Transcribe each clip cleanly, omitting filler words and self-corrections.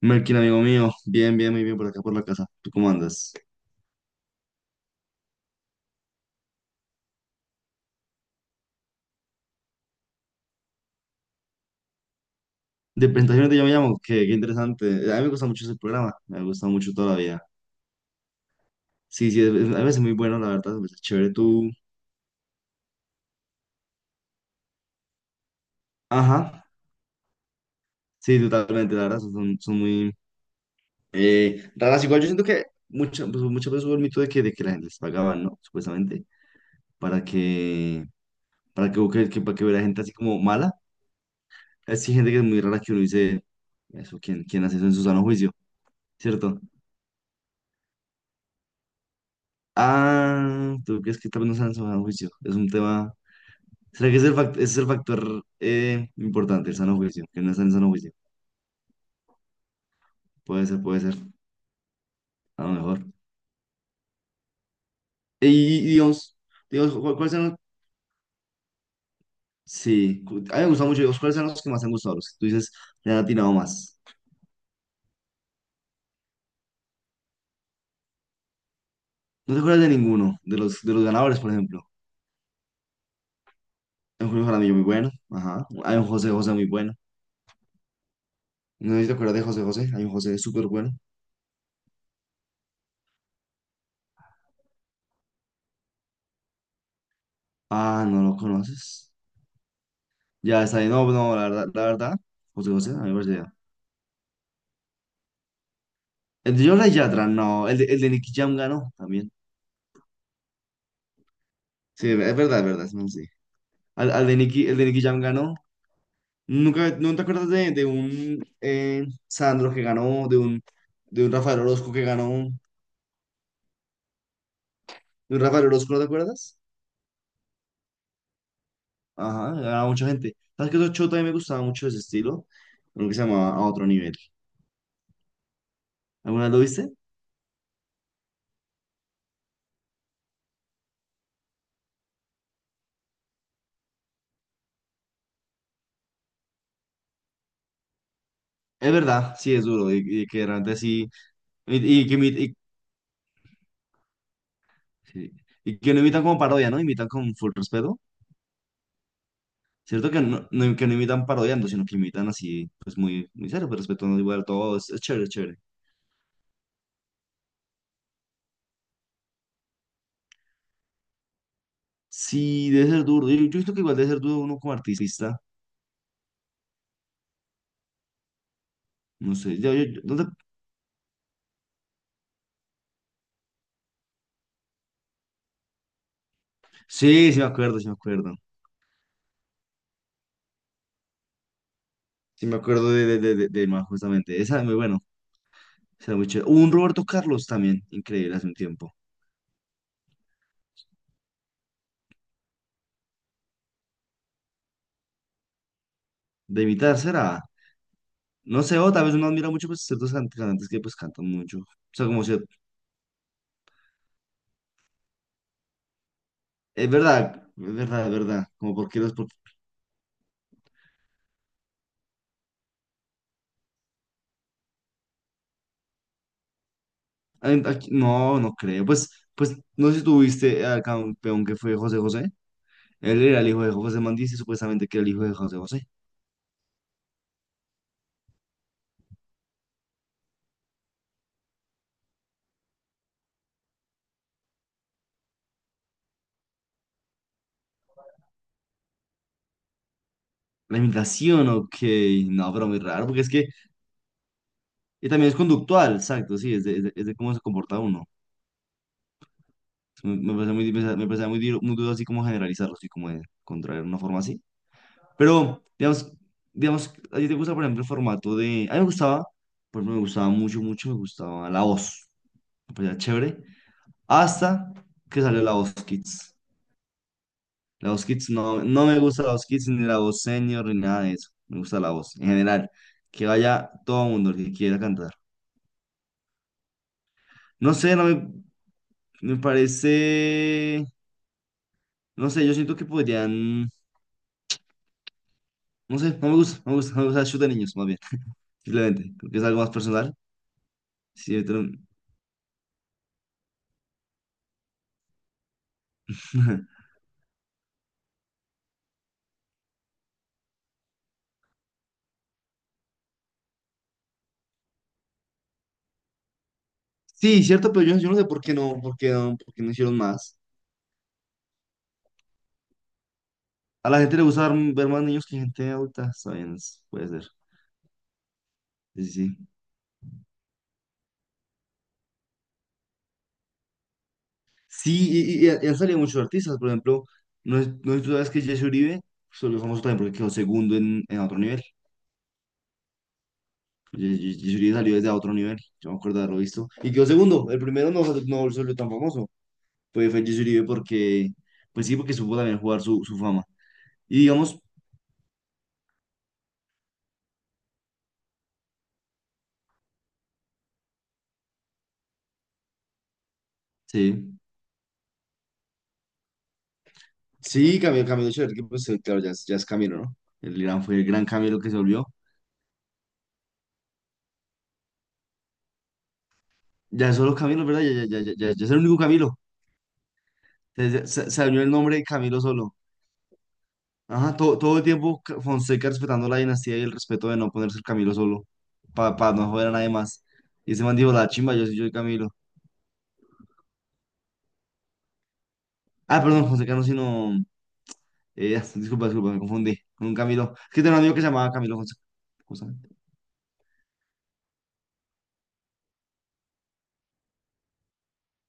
Melkin, amigo mío, bien, bien, muy bien por acá, por la casa. ¿Tú cómo andas? De presentaciones de Yo Me Llamo, qué interesante. A mí me gusta mucho ese programa, me gusta mucho todavía. Sí, sí, a veces muy bueno, la verdad, es chévere tú. Ajá, sí, totalmente, la verdad, son, son muy raras. Igual yo siento que pues, muchas veces hubo el mito de que la gente les pagaba, ¿no? Supuestamente, para que, para que hubiera gente así como mala. Así gente que es muy rara que uno dice, eso, ¿quién hace eso en su sano juicio? ¿Cierto? Ah, ¿tú crees que tal vez no sean sano juicio? Es un tema. ¿Será que es ese es el factor importante, el sano juicio? Que no están en sano juicio. Puede ser, puede ser. A lo mejor. Y digamos, digamos, ¿cuáles son los- Sí, cu- a mí me gustan mucho. Digamos, ¿cuáles son los que más te han gustado? Los que tú dices, le han atinado más. No te acuerdas de ninguno, de los ganadores, por ejemplo. Hay un Julio Jaramillo muy bueno. Ajá. Hay un José José muy bueno. No sé si te acuerdas de José José. Hay un José súper bueno. Ah, no lo conoces. Ya está ahí. No, no, la verdad, la verdad. José José, a mí me parece. El de Yola y Yatra, no. El de Nicky Jam ganó también. Sí, es verdad, es verdad. No, sí. Al de Nicky, el de Nicky Jam ganó. ¿Nunca, no te acuerdas de un Sandro que ganó? De un Rafael Orozco que ganó. ¿De un Rafael Orozco no te acuerdas? Ajá, ganaba mucha gente. ¿Sabes qué? Otro show también me gustaba mucho ese estilo. Uno que se llamaba A Otro Nivel. ¿Alguna vez lo viste? Es verdad, sí, es duro. Y que realmente sí. Y, y que, sí, y que no imitan como parodia, ¿no? Imitan con full respeto. Cierto que no, que no imitan parodiando, sino que imitan así, pues muy, muy serio, pero respetando igual todo. Es chévere, es chévere. Sí, debe ser duro. Yo siento que igual debe ser duro uno como artista. No sé. Yo, no te- Sí, sí me acuerdo, sí me acuerdo. Sí me acuerdo de, de Majo, justamente. Esa es muy bueno. O sea, muy chévere. Hubo un Roberto Carlos también, increíble, hace un tiempo. De imitar será. No sé, o tal vez uno admira mucho pues ciertos cantantes que pues cantan mucho. O sea, como si... Es verdad, es verdad, es verdad. Como por qué los, ay, no, no creo. Pues, pues no sé si tuviste al campeón que fue José José. Él era el hijo de José Mandis y supuestamente que era el hijo de José José. La imitación, ok. No, pero muy raro, porque es que y también es conductual, exacto, sí, es de, es de cómo se comporta uno. Me parece muy, me parece muy, muy duro así como generalizarlo, así como de contraer una forma así. Pero, digamos, digamos, ¿a ti te gusta, por ejemplo, el formato de... A mí me gustaba, por ejemplo, me gustaba mucho, mucho, me gustaba La Voz. Me parecía chévere. Hasta que salió La Voz Kids. La Voz Kids no, no me gusta la Voz Kids ni la Voz Senior ni nada de eso. Me gusta la Voz en general. Que vaya todo el mundo el que quiera cantar. No sé, me parece. No sé, yo siento que podrían. No sé, no me gusta, no me gusta, no me gusta el show de niños, más bien. Simplemente, creo que es algo más personal. Sí, yo sí, cierto, pero yo no sé por qué no, por qué no, por qué no hicieron más. A la gente le gusta ver, ver más niños que gente adulta, está bien, es- puede ser. Sí, sí. Sí. Sí, y han salido muchos artistas, por ejemplo, no es, no es tú sabes que Jesse Uribe se volvió famoso también porque quedó segundo en otro nivel. Jesse Uribe salió desde otro nivel, yo me acuerdo de haberlo visto. Y quedó segundo, el primero no, no se volvió tan famoso. Fue, fue Jesse Uribe porque, pues sí, porque supo también jugar su, su fama. Y digamos, sí, sí, Camilo, Camilo Echeverri, que pues claro, ya es Camilo, ¿no? El gran, fue el gran Camilo que se volvió. Ya es solo Camilo, ¿verdad? Ya es el único Camilo. Se abrió el nombre de Camilo solo. Ajá, todo, todo el tiempo Fonseca respetando la dinastía y el respeto de no ponerse el Camilo solo, para no joder a nadie más. Y ese man dijo, la chimba, yo sí soy yo el Camilo. Ah, perdón, Fonseca no, sino... disculpa, disculpa, me confundí con un Camilo. Es que tenía un amigo que se llamaba Camilo Fonseca, justamente.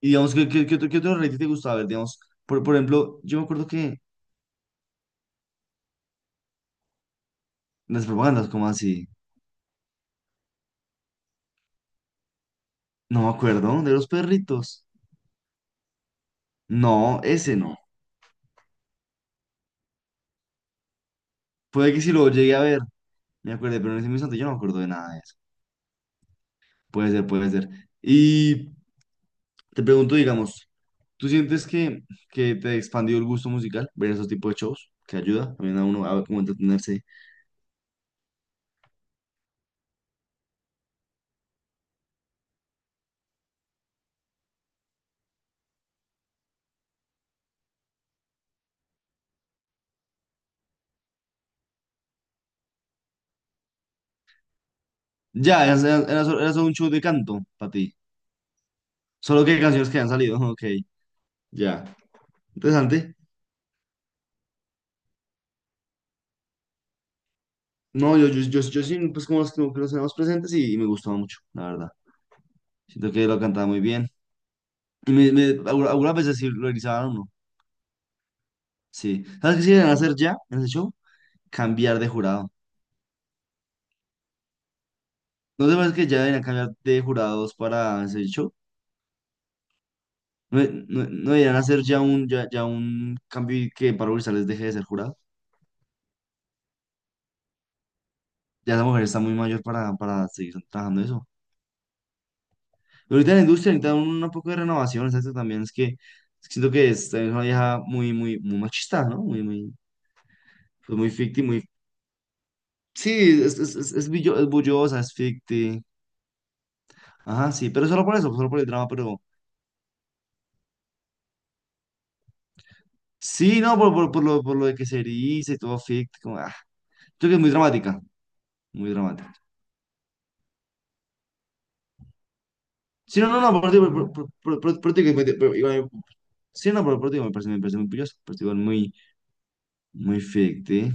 Y digamos, ¿qué otro reality te gustaba ver? Digamos, por ejemplo, yo me acuerdo que las propagandas, ¿como así? No me acuerdo, ¿no?, de los perritos. No, ese no. Puede que si lo llegué a ver, me acuerde, pero en ese mismo instante yo no me acuerdo de nada de eso. Puede ser, puede ser. Y... Te pregunto, digamos, ¿tú sientes que te expandió el gusto musical? Ver esos tipos de shows que ayuda también a uno a como entretenerse. Ya, era, era solo un show de canto para ti. Solo que canciones que han salido. Ok, ya. Interesante. No, yo sí, pues como los que como que los tenemos presentes y me gustaba mucho, la verdad. Siento que lo cantaba muy bien. Y algunas veces sí lo realizaban uno. Sí. ¿Sabes qué sí deberían hacer ya en ese show? Cambiar de jurado. ¿No te parece que ya deberían cambiar de jurados para ese show? No, no, no deberían hacer ya un, ya, ya un cambio y que Pablo Grisales deje de ser jurado. Ya esa mujer está muy mayor para seguir trabajando eso. Pero ahorita en la industria necesitan un poco de renovación, exacto, también es que siento que es una vieja muy, muy, muy machista, ¿no? Muy, muy, pues muy ficti, muy... Sí, es bullosa, es ficti. Ajá, sí, pero solo por eso, solo por el drama, pero... Sí, no, por, por lo, por lo de que se eriza y todo ficti, como... Ah, creo que es muy dramática, muy dramática. Sí, no, no, no, por, ti, por ti que sí, no, por ti que me parece muy pilloso, pero igual muy, muy fake,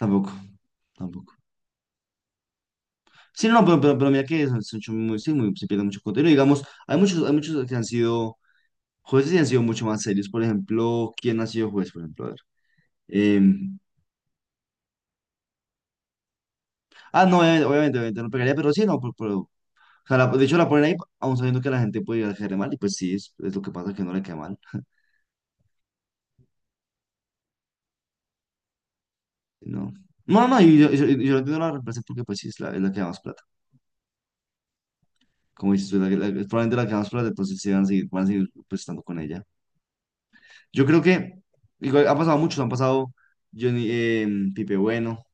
tampoco, tampoco. Sí, no, no, pero, pero mira que son, son muy, sí, muy- se pierde mucho contenido. Digamos, hay muchos que han sido jueces y han sido mucho más serios. Por ejemplo, ¿quién ha sido juez? Por ejemplo, a ver. Em, no, obviamente, obviamente, obviamente no pegaría, pero sí, no, pero, o sea, de hecho la ponen ahí, aún sabiendo que la gente puede llegar a caerle mal, y pues sí, es lo que pasa, que no le cae mal. No. No, no, y yo lo entiendo la reemplacen porque pues sí es la que da más plata. Como dices tú, es la, es probablemente la que da más plata, entonces sí van a seguir pues estando con ella. Yo creo que igual ha pasado muchos, han pasado Johnny, Pipe Bueno,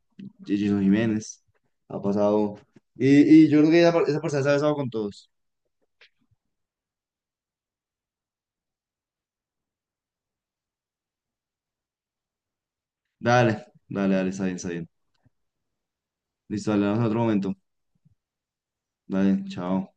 Jason Jiménez, ha pasado. Y yo creo que esa, esa persona se ha besado con todos. Dale, dale, dale, está bien, está bien. Listo, dale, vamos a otro momento. Dale, chao.